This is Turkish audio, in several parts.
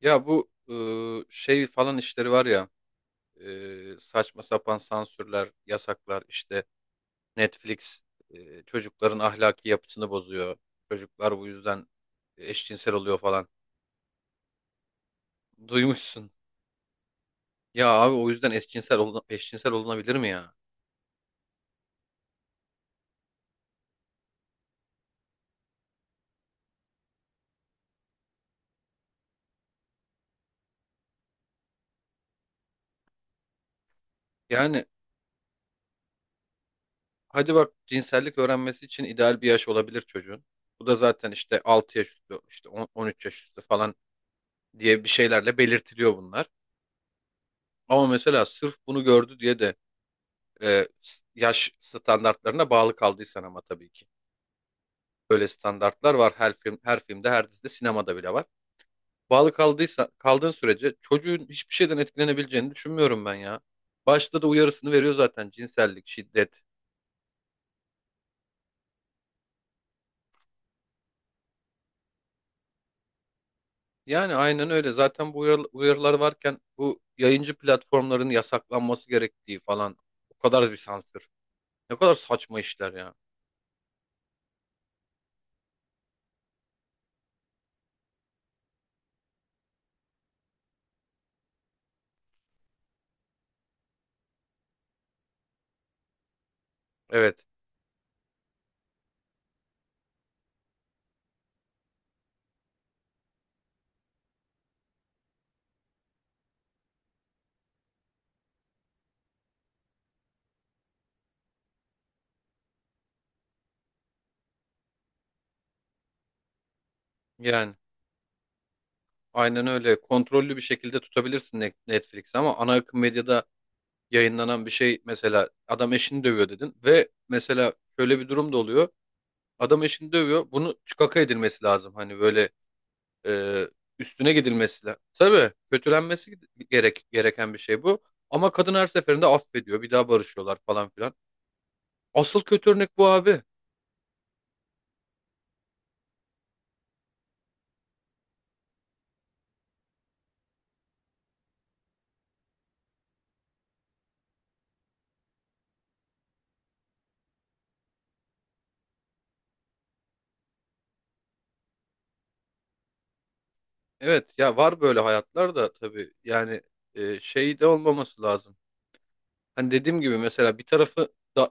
Ya bu şey falan işleri var ya saçma sapan sansürler, yasaklar işte. Netflix çocukların ahlaki yapısını bozuyor. Çocuklar bu yüzden eşcinsel oluyor falan. Duymuşsun. Ya abi o yüzden eşcinsel olunabilir mi ya? Yani hadi bak cinsellik öğrenmesi için ideal bir yaş olabilir çocuğun. Bu da zaten işte 6 yaş üstü, işte 13 yaş üstü falan diye bir şeylerle belirtiliyor bunlar. Ama mesela sırf bunu gördü diye de e, yaş standartlarına bağlı kaldıysan ama tabii ki. Böyle standartlar var her filmde, her dizide, sinemada bile var. Bağlı kaldıysa Kaldığın sürece çocuğun hiçbir şeyden etkilenebileceğini düşünmüyorum ben ya. Başta da uyarısını veriyor zaten cinsellik, şiddet. Yani aynen öyle. Zaten bu uyarılar varken bu yayıncı platformların yasaklanması gerektiği falan o kadar bir sansür. Ne kadar saçma işler ya. Evet. Yani aynen öyle. Kontrollü bir şekilde tutabilirsin Netflix'i ama ana akım medyada yayınlanan bir şey mesela adam eşini dövüyor dedin ve mesela şöyle bir durum da oluyor. Adam eşini dövüyor. Bunu çıkaka edilmesi lazım. Hani böyle e, üstüne gidilmesi lazım. Tabii kötülenmesi gereken bir şey bu. Ama kadın her seferinde affediyor. Bir daha barışıyorlar falan filan. Asıl kötü örnek bu abi. Evet ya var böyle hayatlar da tabii yani şey de olmaması lazım. Hani dediğim gibi mesela bir tarafı da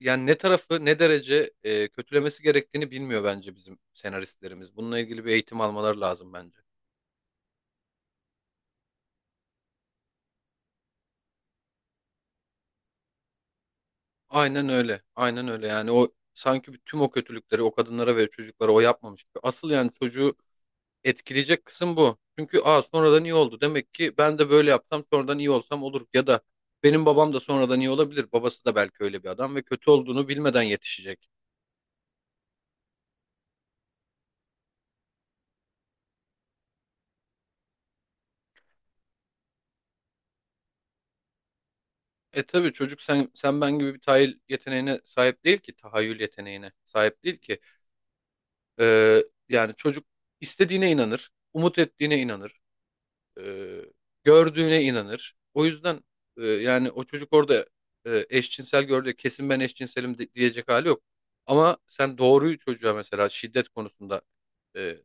yani ne tarafı ne derece kötülemesi gerektiğini bilmiyor bence bizim senaristlerimiz. Bununla ilgili bir eğitim almaları lazım bence. Aynen öyle. Aynen öyle. Yani o sanki tüm o kötülükleri o kadınlara ve çocuklara o yapmamış gibi. Asıl yani çocuğu etkileyecek kısım bu. Çünkü aa sonradan iyi oldu. Demek ki ben de böyle yapsam sonradan iyi olsam olur. Ya da benim babam da sonradan iyi olabilir. Babası da belki öyle bir adam ve kötü olduğunu bilmeden yetişecek. E tabii çocuk sen ben gibi bir tahayyül yeteneğine sahip değil ki. Tahayyül yeteneğine sahip değil ki. Ee, yani çocuk istediğine inanır. Umut ettiğine inanır. ee, gördüğüne inanır. O yüzden yani o çocuk orada eşcinsel gördü. Kesin ben eşcinselim diyecek hali yok. Ama sen doğruyu çocuğa mesela şiddet konusunda e,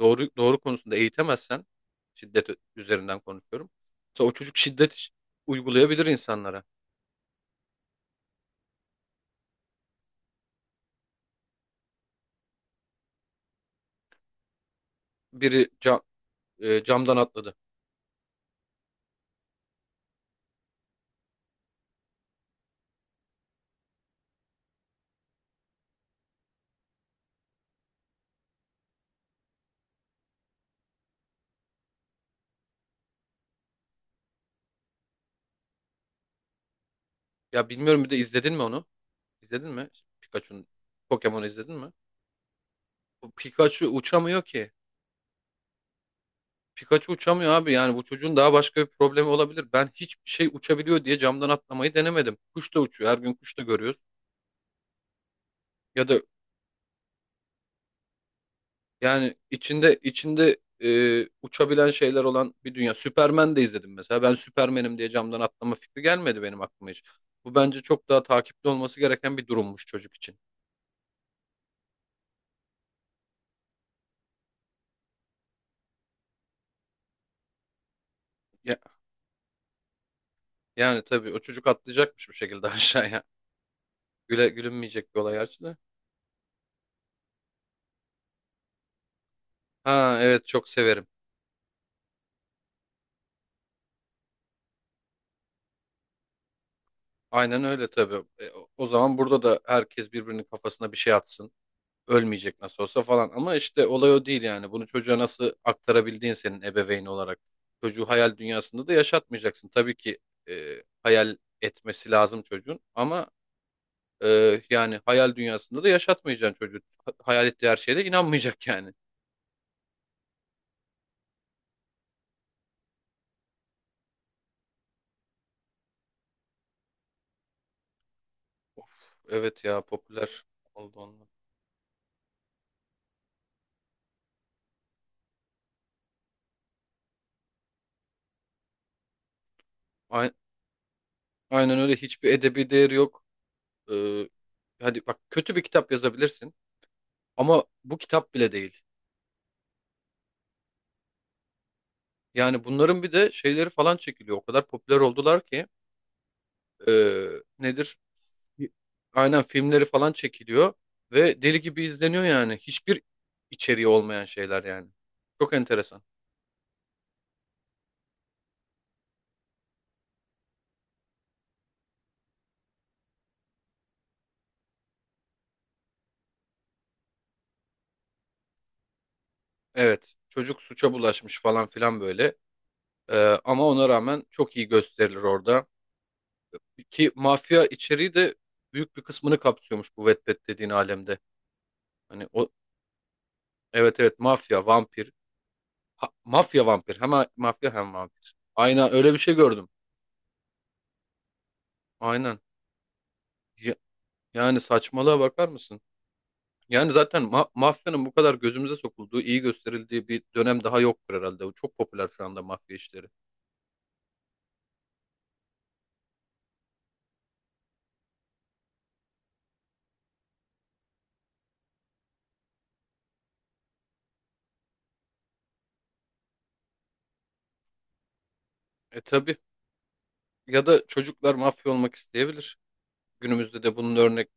doğru konusunda eğitemezsen şiddet üzerinden konuşuyorum. Mesela o çocuk şiddet uygulayabilir insanlara biri ca- camdan atladı. Ya bilmiyorum bir de izledin mi onu? İzledin mi? Pikachu'nun Pokemon'u izledin mi? Bu Pikachu uçamıyor ki. Pikachu uçamıyor abi yani bu çocuğun daha başka bir problemi olabilir. Ben hiçbir şey uçabiliyor diye camdan atlamayı denemedim. Kuş da uçuyor. Her gün kuş da görüyoruz. Ya da yani içinde uçabilen şeyler olan bir dünya. Superman de izledim mesela. Ben Superman'im diye camdan atlama fikri gelmedi benim aklıma hiç. Bu bence çok daha takipli olması gereken bir durummuş çocuk için. Ya- yani tabii o çocuk atlayacakmış bir şekilde aşağıya. Gülünmeyecek bir olay gerçi de. Ha evet çok severim. Aynen öyle tabii. E, o zaman burada da herkes birbirinin kafasına bir şey atsın. Ölmeyecek nasıl olsa falan. Ama işte olay o değil yani. Bunu çocuğa nasıl aktarabildiğin senin ebeveyn olarak. Çocuğu hayal dünyasında da yaşatmayacaksın. Tabii ki hayal etmesi lazım çocuğun. Ama yani hayal dünyasında da yaşatmayacaksın çocuğu. Hayal ettiği her şeye de inanmayacak yani. Evet ya popüler oldu onlar. Ay- Aynen öyle hiçbir edebi değeri yok. Ee, hadi bak kötü bir kitap yazabilirsin ama bu kitap bile değil. Yani bunların bir de şeyleri falan çekiliyor. O kadar popüler oldular ki ee, nedir? Aynen filmleri falan çekiliyor ve deli gibi izleniyor yani. Hiçbir içeriği olmayan şeyler yani. Çok enteresan. Evet, çocuk suça bulaşmış falan filan böyle. Ama ona rağmen çok iyi gösterilir orada. Ki mafya içeriği de büyük bir kısmını kapsıyormuş bu Wattpad dediğin alemde. Hani o, evet evet, mafya, vampir, mafya vampir. Hem mafya hem vampir. Aynen öyle bir şey gördüm. Aynen. Ya- yani saçmalığa bakar mısın? Yani zaten mafyanın bu kadar gözümüze sokulduğu, iyi gösterildiği bir dönem daha yoktur herhalde. O çok popüler şu anda mafya işleri. E tabii. Ya da çocuklar mafya olmak isteyebilir. Günümüzde de bunun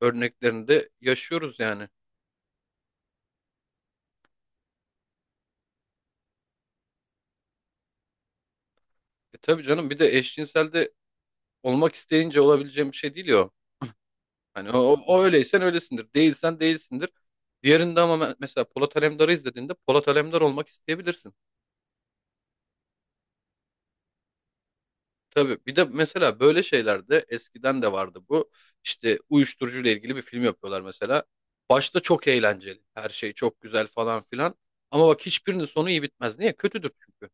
örneklerini de yaşıyoruz yani. E tabii canım bir de eşcinselde olmak isteyince olabileceğim bir şey değil ya. O. Hani o, öyleysen öylesindir. Değilsen değilsindir. Diğerinde ama mesela Polat Alemdar'ı izlediğinde Polat Alemdar olmak isteyebilirsin. Tabii bir de mesela böyle şeylerde eskiden de vardı bu. İşte uyuşturucuyla ilgili bir film yapıyorlar mesela. Başta çok eğlenceli. Her şey çok güzel falan filan. Ama bak hiçbirinin sonu iyi bitmez. Niye? Kötüdür çünkü.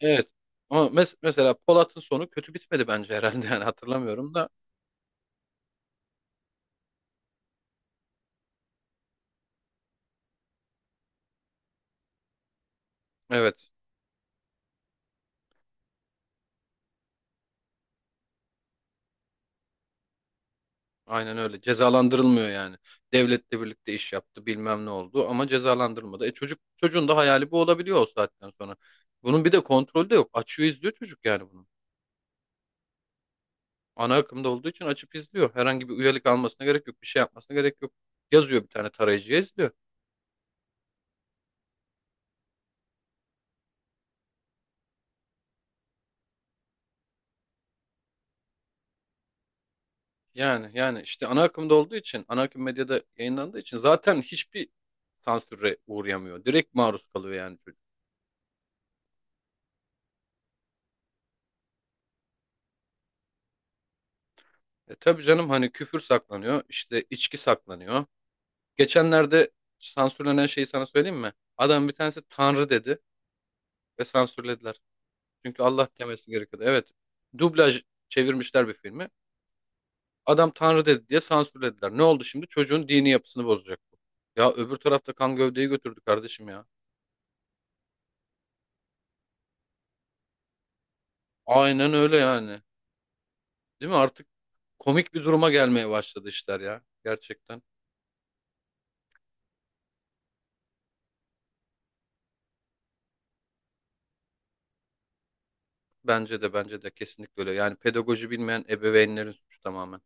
Evet. Ama mesela Polat'ın sonu kötü bitmedi bence herhalde. Yani hatırlamıyorum da. Evet. Aynen öyle. Cezalandırılmıyor yani. Devletle birlikte iş yaptı, bilmem ne oldu ama cezalandırılmadı. E çocuğun da hayali bu olabiliyor o saatten sonra. Bunun bir de kontrolü de yok. Açıyor izliyor çocuk yani bunu. Ana akımda olduğu için açıp izliyor. Herhangi bir üyelik almasına gerek yok, bir şey yapmasına gerek yok. Yazıyor bir tane tarayıcıya izliyor. Yani işte ana akımda olduğu için, ana akım medyada yayınlandığı için zaten hiçbir sansüre uğrayamıyor. Direkt maruz kalıyor yani çocuk. E tabii canım hani küfür saklanıyor, işte içki saklanıyor. Geçenlerde sansürlenen şeyi sana söyleyeyim mi? Adam bir tanesi Tanrı dedi ve sansürlediler. Çünkü Allah demesi gerekiyordu. Evet. Dublaj çevirmişler bir filmi. Adam Tanrı dedi diye sansürlediler. Ne oldu şimdi? Çocuğun dini yapısını bozacak bu. Ya öbür tarafta kan gövdeyi götürdü kardeşim ya. Aynen öyle yani. Değil mi? Artık komik bir duruma gelmeye başladı işler ya. Gerçekten. Bence de kesinlikle öyle. Yani pedagoji bilmeyen ebeveynlerin suçu tamamen.